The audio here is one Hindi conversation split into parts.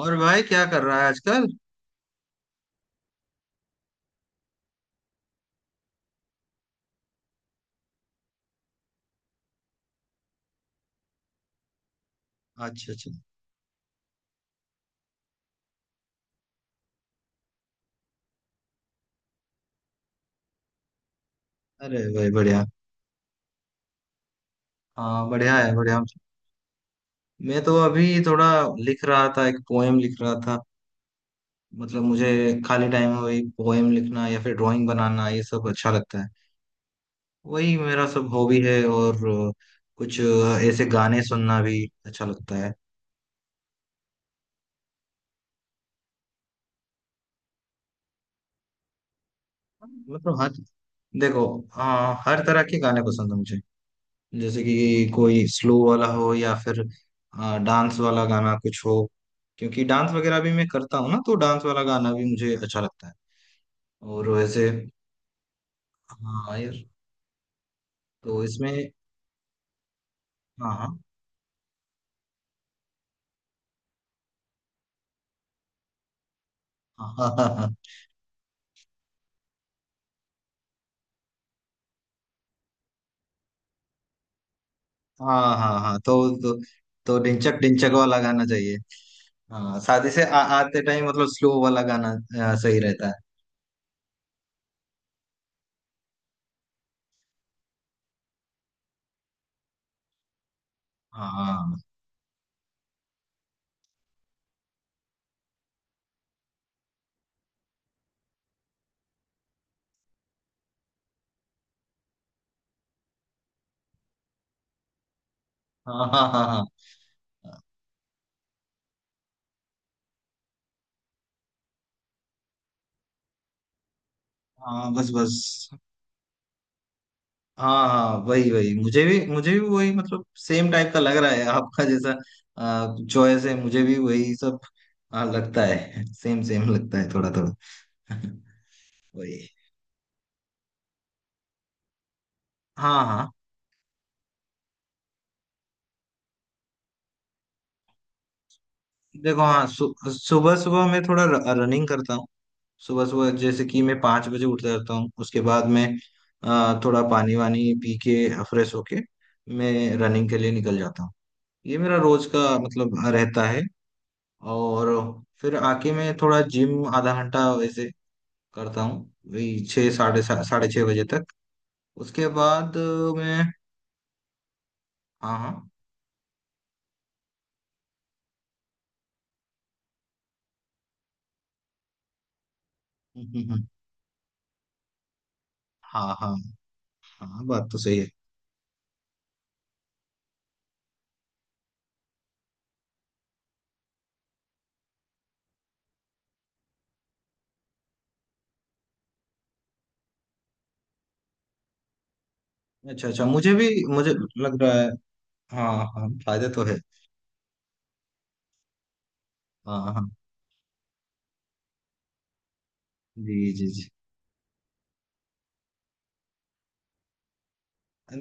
और भाई क्या कर रहा है आजकल? अच्छा, अच्छा। अरे भाई, बढ़िया। हाँ, बढ़िया है, बढ़िया। मैं तो अभी थोड़ा लिख रहा था, एक पोएम लिख रहा था। मतलब मुझे खाली टाइम में वही पोएम लिखना या फिर ड्राइंग बनाना, ये सब अच्छा लगता है। वही मेरा सब हॉबी है। और कुछ ऐसे गाने सुनना भी अच्छा लगता है। मतलब हर देखो, हाँ, हर तरह के गाने पसंद है मुझे। जैसे कि कोई स्लो वाला हो या फिर डांस वाला गाना कुछ हो। क्योंकि डांस वगैरह भी मैं करता हूँ ना, तो डांस वाला गाना भी मुझे अच्छा लगता है। और वैसे। हाँ यार। तो इसमें। हाँ, हाँ, हाँ, हाँ, हाँ, हाँ, हाँ, हाँ, तो तो डिंचक डिंचक वाला गाना चाहिए। हाँ, शादी से आते टाइम मतलब स्लो वाला गाना। सही रहता है। हाँ, हाँ, हाँ, हाँ, हाँ, हाँ, हाँ, बस, बस। हाँ, हाँ, वही वही, मुझे भी वही मतलब सेम टाइप का लग रहा है आपका जैसा। चॉइस है, मुझे भी वही सब। हाँ, लगता है सेम सेम, लगता है थोड़ा थोड़ा। वही। हाँ, हाँ। देखो, हाँ, सुबह सुबह मैं थोड़ा रनिंग करता हूँ। सुबह सुबह जैसे कि मैं 5 बजे उठ जाता हूँ। उसके बाद मैं थोड़ा पानी वानी पी के फ्रेश होके मैं रनिंग के लिए निकल जाता हूँ। ये मेरा रोज का मतलब रहता है। और फिर आके मैं थोड़ा जिम आधा घंटा वैसे करता हूँ। वही 6:30 बजे तक। उसके बाद मैं। हाँ, हाँ। हम्म। हाँ, हाँ। हाँ, बात तो सही है। अच्छा, अच्छा, मुझे भी, मुझे लग रहा है। हाँ, हाँ, फायदे तो है। हाँ, हाँ, जी, जी, जी।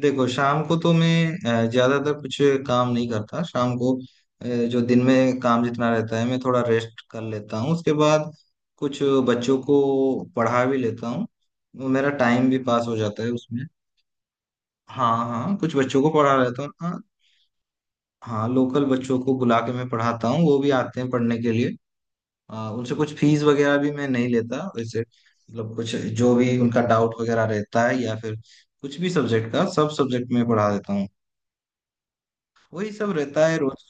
देखो, शाम को तो मैं ज्यादातर कुछ काम नहीं करता शाम को। अ, जो दिन में काम जितना रहता है मैं थोड़ा रेस्ट कर लेता हूँ, उसके बाद कुछ बच्चों को पढ़ा भी लेता हूँ। वो मेरा टाइम भी पास हो जाता है उसमें। हाँ, हाँ, कुछ बच्चों को पढ़ा लेता हूँ, हाँ। हाँ, लोकल बच्चों को बुला के मैं पढ़ाता हूँ, वो भी आते हैं पढ़ने के लिए। उनसे कुछ फीस वगैरह भी मैं नहीं लेता, वैसे मतलब कुछ, जो भी उनका डाउट वगैरह रहता है या फिर कुछ भी सब्जेक्ट का, सब सब्जेक्ट में पढ़ा देता हूँ। वही सब रहता है रोज।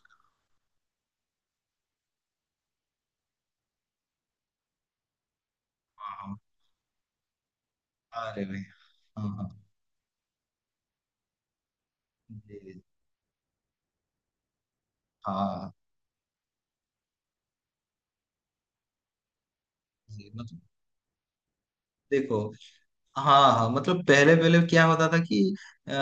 हाँ, हाँ, अरे भाई, हाँ, हाँ, जी, हाँ, जी मतलब। देखो, हाँ, हाँ, मतलब पहले पहले क्या होता था कि, अ,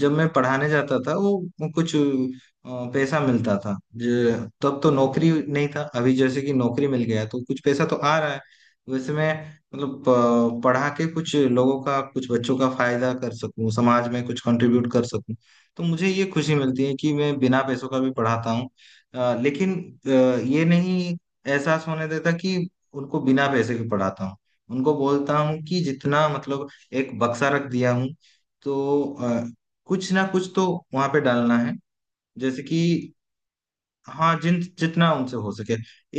जब मैं पढ़ाने जाता था वो कुछ पैसा मिलता था, जो तब तो नौकरी नहीं था, अभी जैसे कि नौकरी मिल गया तो कुछ पैसा तो आ रहा है। वैसे मैं मतलब पढ़ा के कुछ लोगों का, कुछ बच्चों का फायदा कर सकूं, समाज में कुछ कंट्रीब्यूट कर सकूं। तो मुझे ये खुशी मिलती है कि मैं बिना पैसों का भी पढ़ाता हूँ। लेकिन ये नहीं एहसास होने देता कि उनको बिना पैसे के पढ़ाता हूँ। उनको बोलता हूँ कि जितना मतलब, एक बक्सा रख दिया हूँ, तो कुछ ना कुछ तो वहां पे डालना है। जैसे कि, हाँ, जिन जितना उनसे हो सके,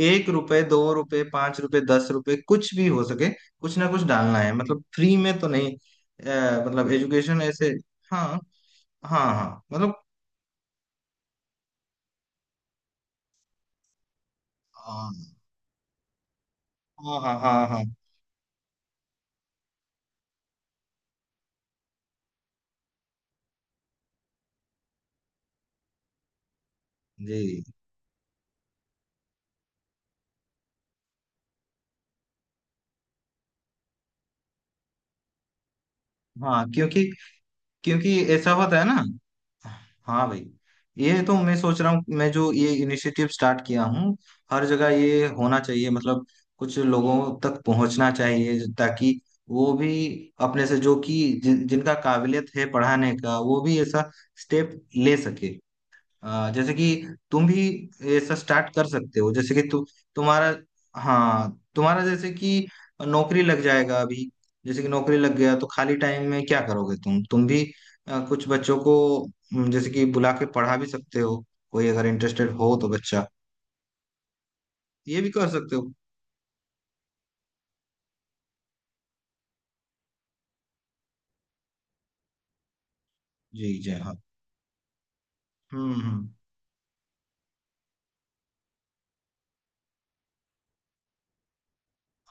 1 रुपए, 2 रुपए, 5 रुपए, 10 रुपए, कुछ भी हो सके, कुछ ना कुछ डालना है, मतलब फ्री में तो नहीं, मतलब एजुकेशन ऐसे। हाँ, हाँ, हाँ, मतलब अ, हाँ, हाँ, हाँ, हाँ, जी, हाँ। क्योंकि क्योंकि ऐसा होता है ना। हाँ भाई। ये तो मैं सोच रहा हूँ, मैं जो ये इनिशिएटिव स्टार्ट किया हूँ, हर जगह ये होना चाहिए, मतलब कुछ लोगों तक पहुंचना चाहिए ताकि वो भी अपने से, जो कि जिनका काबिलियत है पढ़ाने का, वो भी ऐसा स्टेप ले सके। जैसे कि तुम भी ऐसा स्टार्ट कर सकते हो, जैसे कि तुम्हारा, हाँ, तुम्हारा जैसे कि नौकरी लग जाएगा अभी, जैसे कि नौकरी लग गया तो खाली टाइम में क्या करोगे, तुम भी कुछ बच्चों को जैसे कि बुला के पढ़ा भी सकते हो, कोई अगर इंटरेस्टेड हो तो बच्चा, ये भी कर सकते हो। जी, जय, हाँ। हम्म,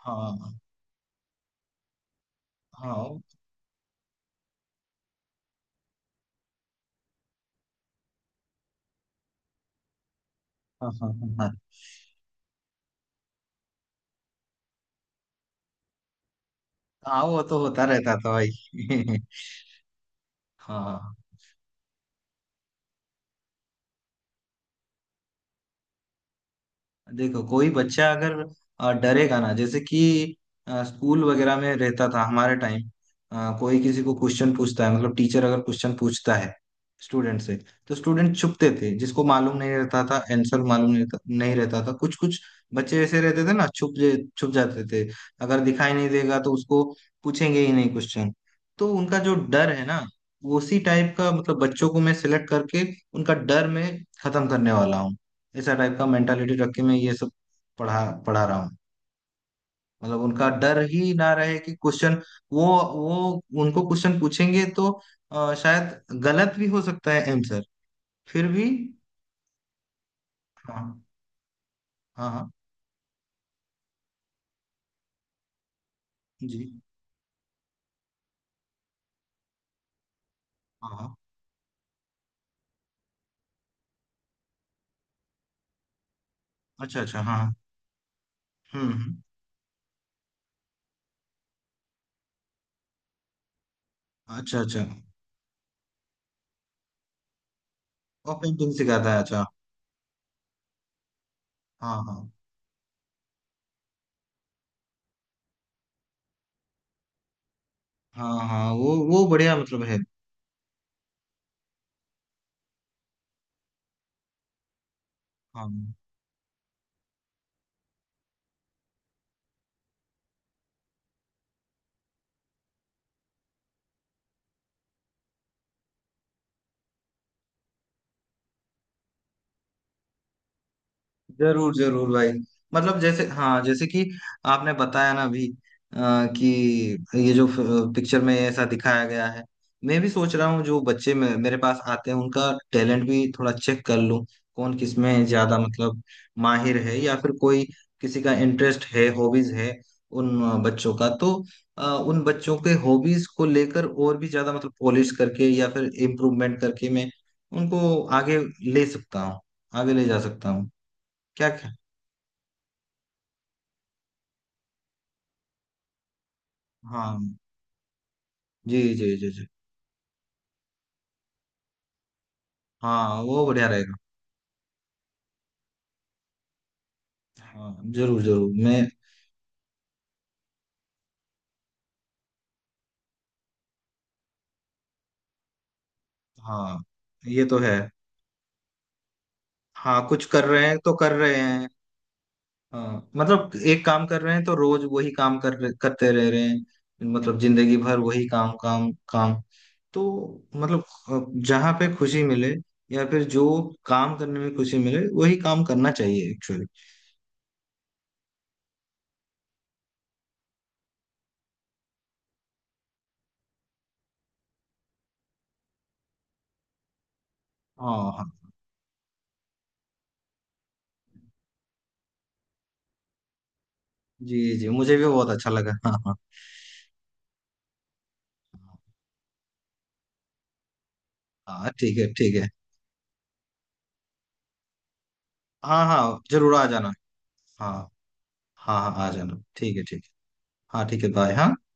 हाँ, हाँ, हाँ, हाँ, हाँ, हाँ, हाँ। हाँ, वो तो होता रहता था भाई। हाँ, हाँ। देखो, कोई बच्चा अगर डरेगा ना, जैसे कि स्कूल वगैरह में रहता था हमारे टाइम, कोई किसी को क्वेश्चन पूछता है, मतलब टीचर अगर क्वेश्चन पूछता है स्टूडेंट से, तो स्टूडेंट छुपते थे, जिसको मालूम नहीं रहता था आंसर, मालूम नहीं रहता था, कुछ कुछ बच्चे ऐसे रहते थे ना, छुप जाते थे। अगर दिखाई नहीं देगा तो उसको पूछेंगे ही नहीं क्वेश्चन। तो उनका जो डर है ना, उसी टाइप का मतलब बच्चों को मैं सिलेक्ट करके उनका डर मैं खत्म करने वाला हूँ। ऐसा टाइप का मेंटालिटी रख के मैं ये सब पढ़ा पढ़ा रहा हूँ, मतलब उनका डर ही ना रहे कि क्वेश्चन, वो वो उनको क्वेश्चन पूछेंगे तो शायद गलत भी हो सकता है आंसर, फिर भी। हाँ, हाँ, हाँ, जी, हाँ, हाँ, अच्छा, अच्छा, हाँ, हाँ, हम्म, अच्छा, अच्छा, और पेंटिंग सिखाता है, अच्छा, हाँ, हाँ, हाँ, हाँ, वो बढ़िया मतलब है। हाँ, जरूर जरूर भाई। मतलब जैसे, हाँ, जैसे कि आपने बताया ना अभी, कि ये जो पिक्चर में ऐसा दिखाया गया है, मैं भी सोच रहा हूँ जो बच्चे मेरे पास आते हैं उनका टैलेंट भी थोड़ा चेक कर लूँ, कौन किस में ज्यादा मतलब माहिर है, या फिर कोई, किसी का इंटरेस्ट है, हॉबीज है, उन बच्चों का तो, उन बच्चों के हॉबीज को लेकर और भी ज्यादा मतलब पॉलिश करके या फिर इम्प्रूवमेंट करके मैं उनको ले सकता हूँ आगे ले जा सकता हूँ। क्या क्या, हाँ, जी, जी, जी, जी। हाँ, वो बढ़िया रहेगा। हाँ, जरूर जरूर मैं। हाँ, ये तो है। हाँ, कुछ कर रहे हैं तो कर रहे हैं। हाँ, मतलब एक काम कर रहे हैं तो रोज वही काम करते रह रहे हैं, मतलब जिंदगी भर वही काम, काम, काम। तो मतलब जहां पे खुशी मिले, या फिर जो काम करने में खुशी मिले वही काम करना चाहिए एक्चुअली। हाँ, हाँ, जी, जी, मुझे भी बहुत अच्छा लगा, हाँ, हाँ। हाँ, ठीक है, ठीक है। हाँ, हाँ, जरूर आ जाना। हाँ, हाँ, हाँ, आ जाना, ठीक है, ठीक है। हाँ, ठीक है, बाय, हाँ।